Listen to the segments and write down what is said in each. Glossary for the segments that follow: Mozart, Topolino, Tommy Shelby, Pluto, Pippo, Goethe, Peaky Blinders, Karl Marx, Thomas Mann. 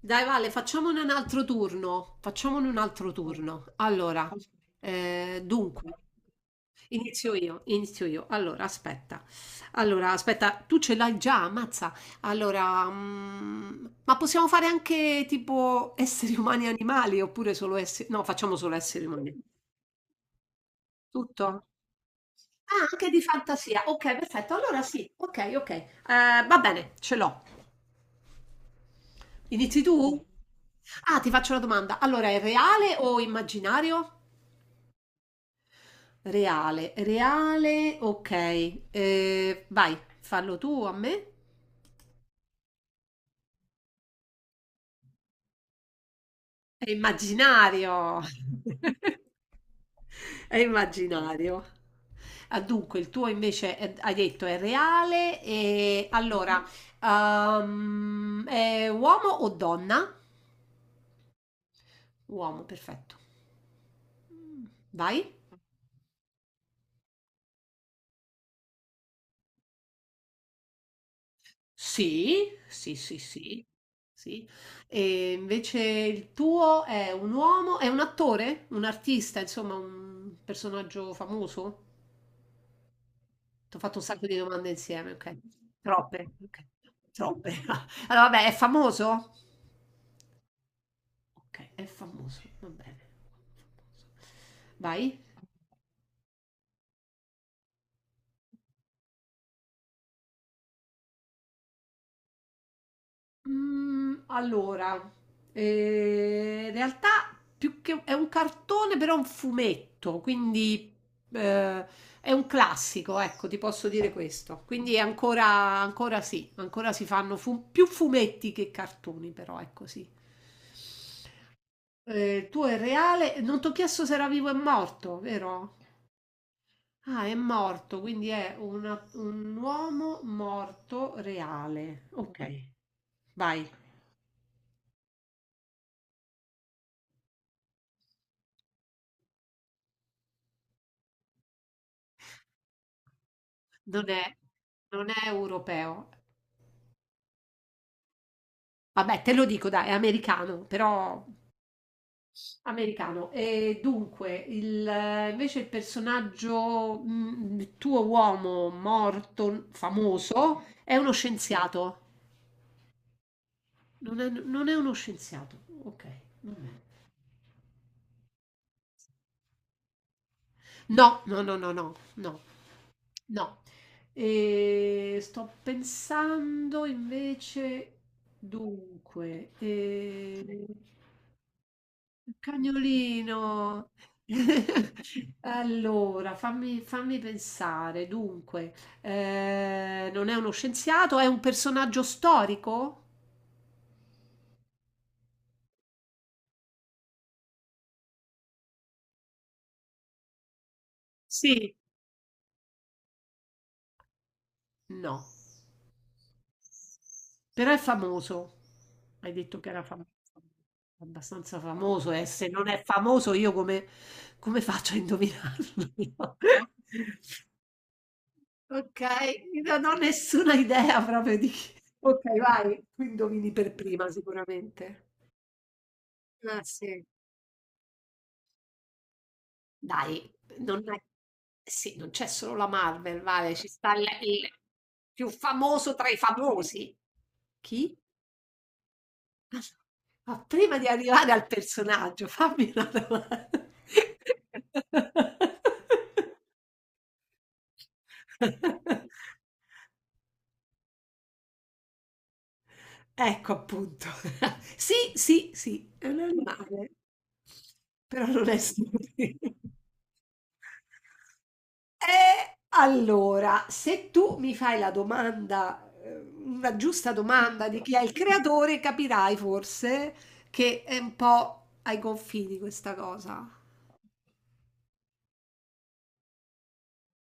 Dai Vale, facciamone un altro turno. Facciamone un altro turno. Allora, dunque, inizio io, inizio io. Allora, aspetta. Allora, aspetta, tu ce l'hai già, ammazza. Allora, ma possiamo fare anche tipo esseri umani e animali oppure solo esseri... No, facciamo solo esseri umani. Tutto? Ah, anche di fantasia. Ok, perfetto. Allora sì, ok, ok. Va bene, ce l'ho. Inizi tu? Ah, ti faccio una domanda. Allora, è reale o immaginario? Reale, reale, ok. Vai, fallo tu a me. È immaginario. È immaginario. Ah, dunque, il tuo invece hai detto è reale e allora, è uomo o donna? Uomo, perfetto. Vai. Sì, sì, sì, sì, sì. E invece il tuo è un uomo, è un attore, un artista, insomma, un personaggio famoso? Ti ho fatto un sacco di domande insieme, ok. Troppe, ok. Troppe. Allora, vabbè, è famoso? Ok, è famoso, va bene. Vai. Allora, in realtà più che è un cartone, però è un fumetto, quindi eh, è un classico, ecco, ti posso dire questo. Quindi è ancora, ancora sì, ancora si fanno più fumetti che cartoni, però è così. Il tuo è reale, non ti ho chiesto se era vivo e morto, vero? Ah, è morto, quindi è un uomo morto reale. Ok, vai. Non è, non è europeo. Vabbè, te lo dico, dai, è americano, però americano. E dunque, invece il personaggio, il tuo uomo morto, famoso, è uno scienziato. Non è uno scienziato. Ok. Non è. No, no, no, no, no, no, no. E sto pensando invece, dunque, il cagnolino. Allora, fammi pensare. Dunque, non è uno scienziato, è un personaggio storico? Sì, no, però è famoso. Hai detto che era famoso. Abbastanza famoso, e se non è famoso, io come, faccio a indovinarlo? Okay, io non ho nessuna idea proprio di chi okay, vai, tu indovini per prima sicuramente. Ah, sì. Dai, non è sì, non c'è solo la Marvel, vale, ci sta il più famoso tra i famosi. Chi? Ah, ma prima di arrivare al personaggio, fammi una domanda. Ecco appunto. Sì, sì, sì, è un animale. Però non è stupido. E allora, se tu mi fai la domanda, una giusta domanda di chi è il creatore, capirai forse che è un po' ai confini questa cosa.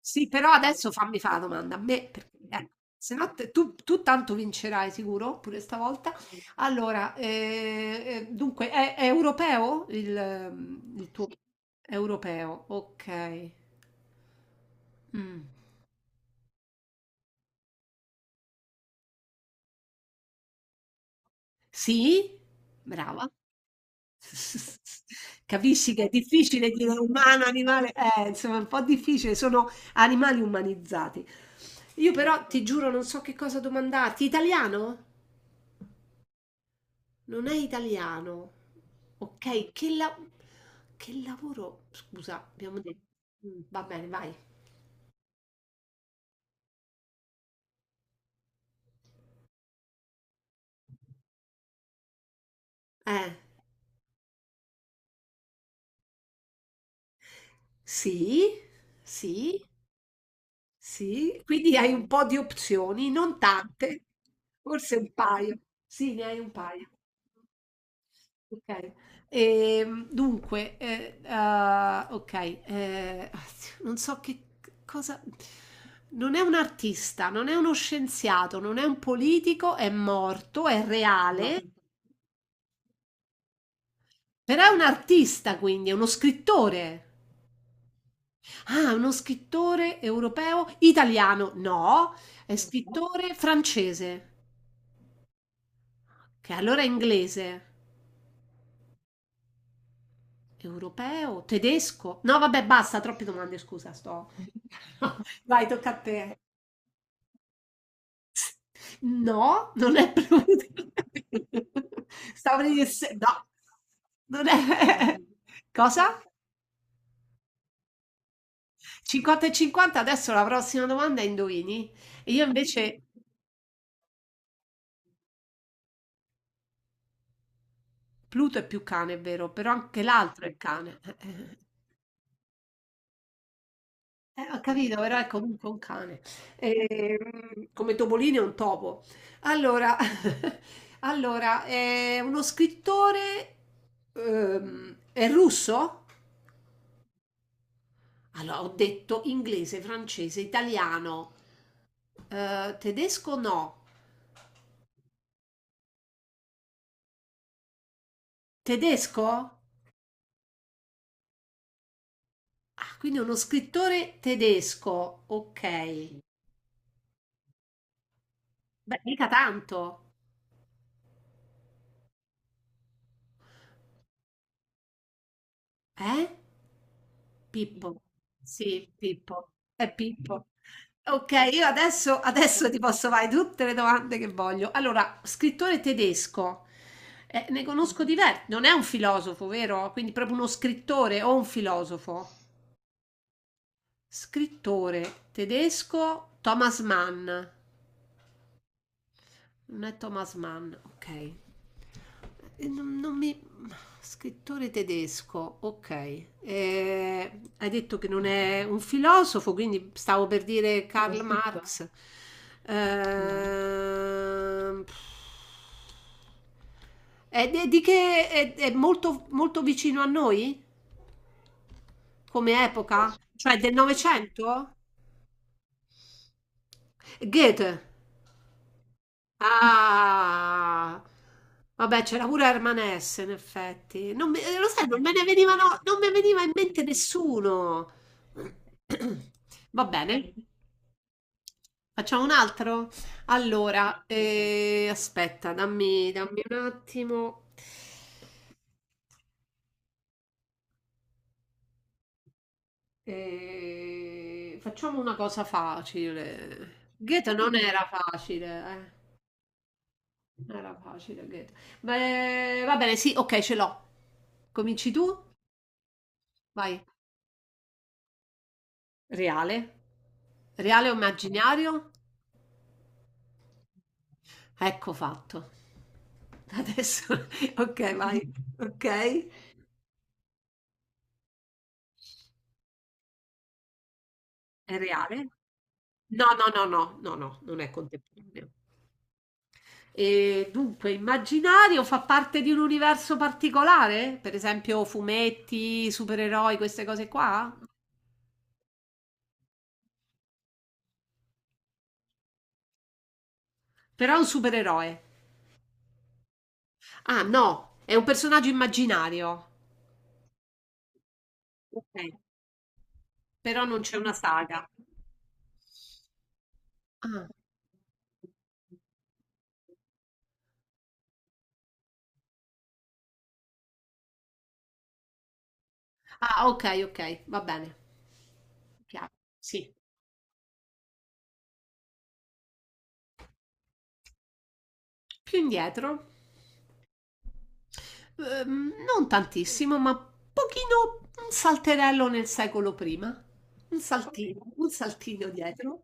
Sì, però adesso fammi fare la domanda a me, perché se no tu tanto vincerai sicuro, pure stavolta. Allora, dunque, è europeo il tuo... Europeo, ok. Mm. Sì? Brava. Capisci che è difficile dire umano, animale, insomma è un po' difficile, sono animali umanizzati. Io però ti giuro non so che cosa domandarti. Italiano? Non è italiano. Ok, che lavoro? Scusa, abbiamo detto. Va bene, vai. Eh, sì, sì, sì. Quindi hai un po' di opzioni, non tante, forse un paio. Sì, ne hai un paio. Okay. Dunque, okay, non so che c cosa non è un artista, non è uno scienziato, non è un politico, è morto, è, no, reale, però è un artista quindi, è uno scrittore. Ah, uno scrittore europeo, italiano no, è, no, scrittore francese, che allora è inglese. Europeo, tedesco? No vabbè basta, troppe domande scusa, sto no, vai tocca a te. No, non è prudente. Stavo per dire se no, non è cosa? 50 e 50, adesso la prossima domanda è indovini. E io invece, Pluto è più cane, è vero, però anche l'altro è cane. Ho capito, però è comunque un cane. Come Topolino è un topo. Allora, allora, è uno scrittore, è russo? Allora, ho detto inglese, francese, italiano, tedesco no. Tedesco? Ah, quindi uno scrittore tedesco. Ok. Beh, mica tanto. Eh? Pippo. Sì, Pippo. È Pippo. Ok, io adesso ti posso fare tutte le domande che voglio. Allora, scrittore tedesco. Ne conosco diversi. Non è un filosofo, vero? Quindi proprio uno scrittore o un filosofo. Scrittore tedesco Thomas Mann. Non è Thomas Mann, ok. Non mi... Scrittore tedesco, ok. Hai detto che non è un filosofo, quindi stavo per dire Karl Soprattutto. Marx. No. Ehm, è di che è molto, molto vicino a noi come epoca? Cioè del Novecento? Goethe. Ah! Vabbè, c'era pure Herman S, in effetti. Non me- Lo sai, non me ne venivano, non mi veniva in mente nessuno. Va bene, facciamo un altro? Allora, aspetta, dammi un attimo. Facciamo una cosa facile. Goethe non era facile, eh. Era facile, Goethe. Beh, va bene, sì, ok, ce l'ho. Cominci tu? Vai. Reale? Reale o immaginario? Ecco fatto. Adesso, ok, vai. Ok. È reale? No, no, no, no, no, no, non è contemporaneo. E dunque, immaginario fa parte di un universo particolare? Per esempio, fumetti, supereroi, queste cose qua? Però è un supereroe. Ah, no, è un personaggio immaginario. Okay, però non c'è una saga. Ah. Ah, okay, okay, va bene, chiaro. Sì. Più indietro? Non tantissimo, ma pochino un salterello nel secolo prima. Un, okay, saltino, un saltino dietro.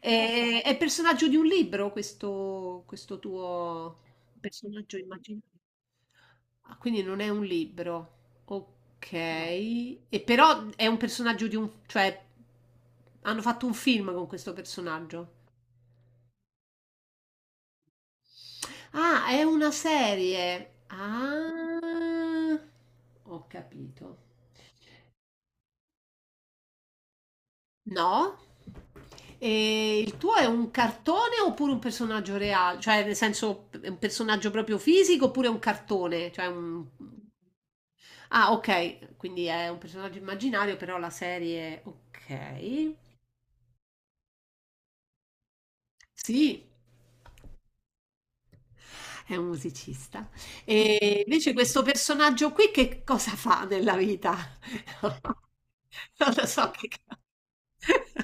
È personaggio di un libro questo tuo personaggio immaginario? Ah, quindi non è un libro. Ok. No. E però è un personaggio di un... cioè hanno fatto un film con questo personaggio. Ah, è una serie. Ah, ho capito. No? E il tuo è un cartone oppure un personaggio reale? Cioè, nel senso, è un personaggio proprio fisico oppure è un cartone? Cioè, un... Ah, ok, quindi è un personaggio immaginario, però la serie... Ok. Sì, è un musicista. E invece questo personaggio qui che cosa fa nella vita? Non lo so che...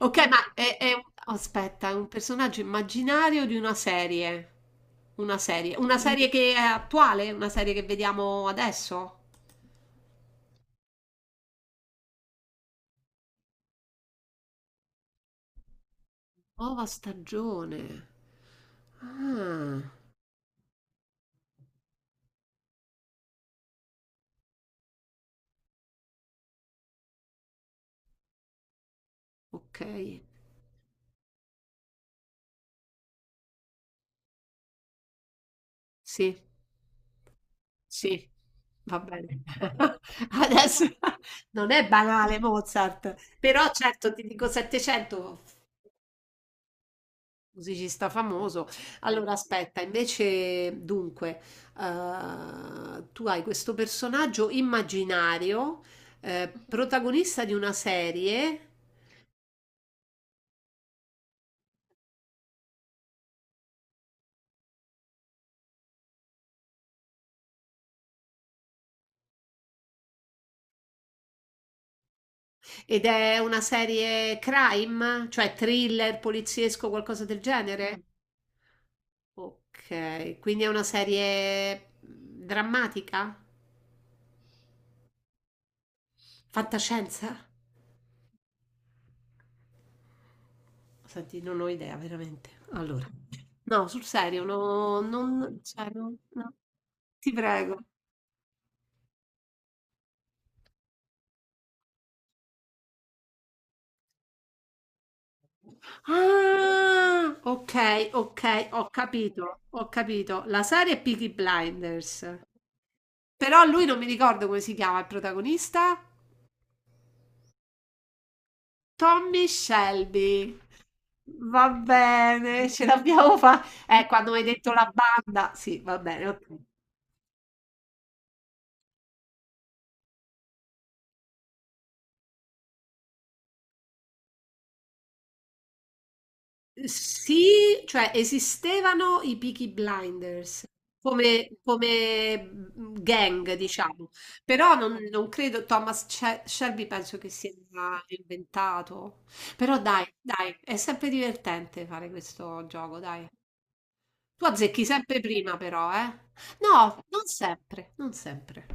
Ok, ma aspetta, è un personaggio immaginario di una serie. Una serie. Una serie che è attuale? Una serie che vediamo adesso? Nuova stagione. Ah, ok. Sì. Sì, va bene. Adesso non è banale Mozart, però certo ti dico 700, musicista famoso. Allora aspetta, invece dunque, tu hai questo personaggio immaginario, protagonista di una serie ed è una serie crime, cioè thriller, poliziesco, qualcosa del genere? Ok, quindi è una serie drammatica? Fantascienza? Senti, non ho idea veramente. Allora, no, sul serio, no, non, cioè, no, no. Ti prego. Ah, ok, ok, ho capito, ho capito. La serie è Peaky Blinders. Però lui non mi ricordo come si chiama il protagonista. Tommy Shelby. Va bene, ce l'abbiamo fatta. Quando mi hai detto la banda. Sì, va bene, ok. Sì, cioè esistevano i Peaky Blinders come gang, diciamo, però non credo Thomas Shelby penso che sia inventato. Però dai, dai, è sempre divertente fare questo gioco, dai. Tu azzecchi sempre prima però, eh? No, non sempre, non sempre.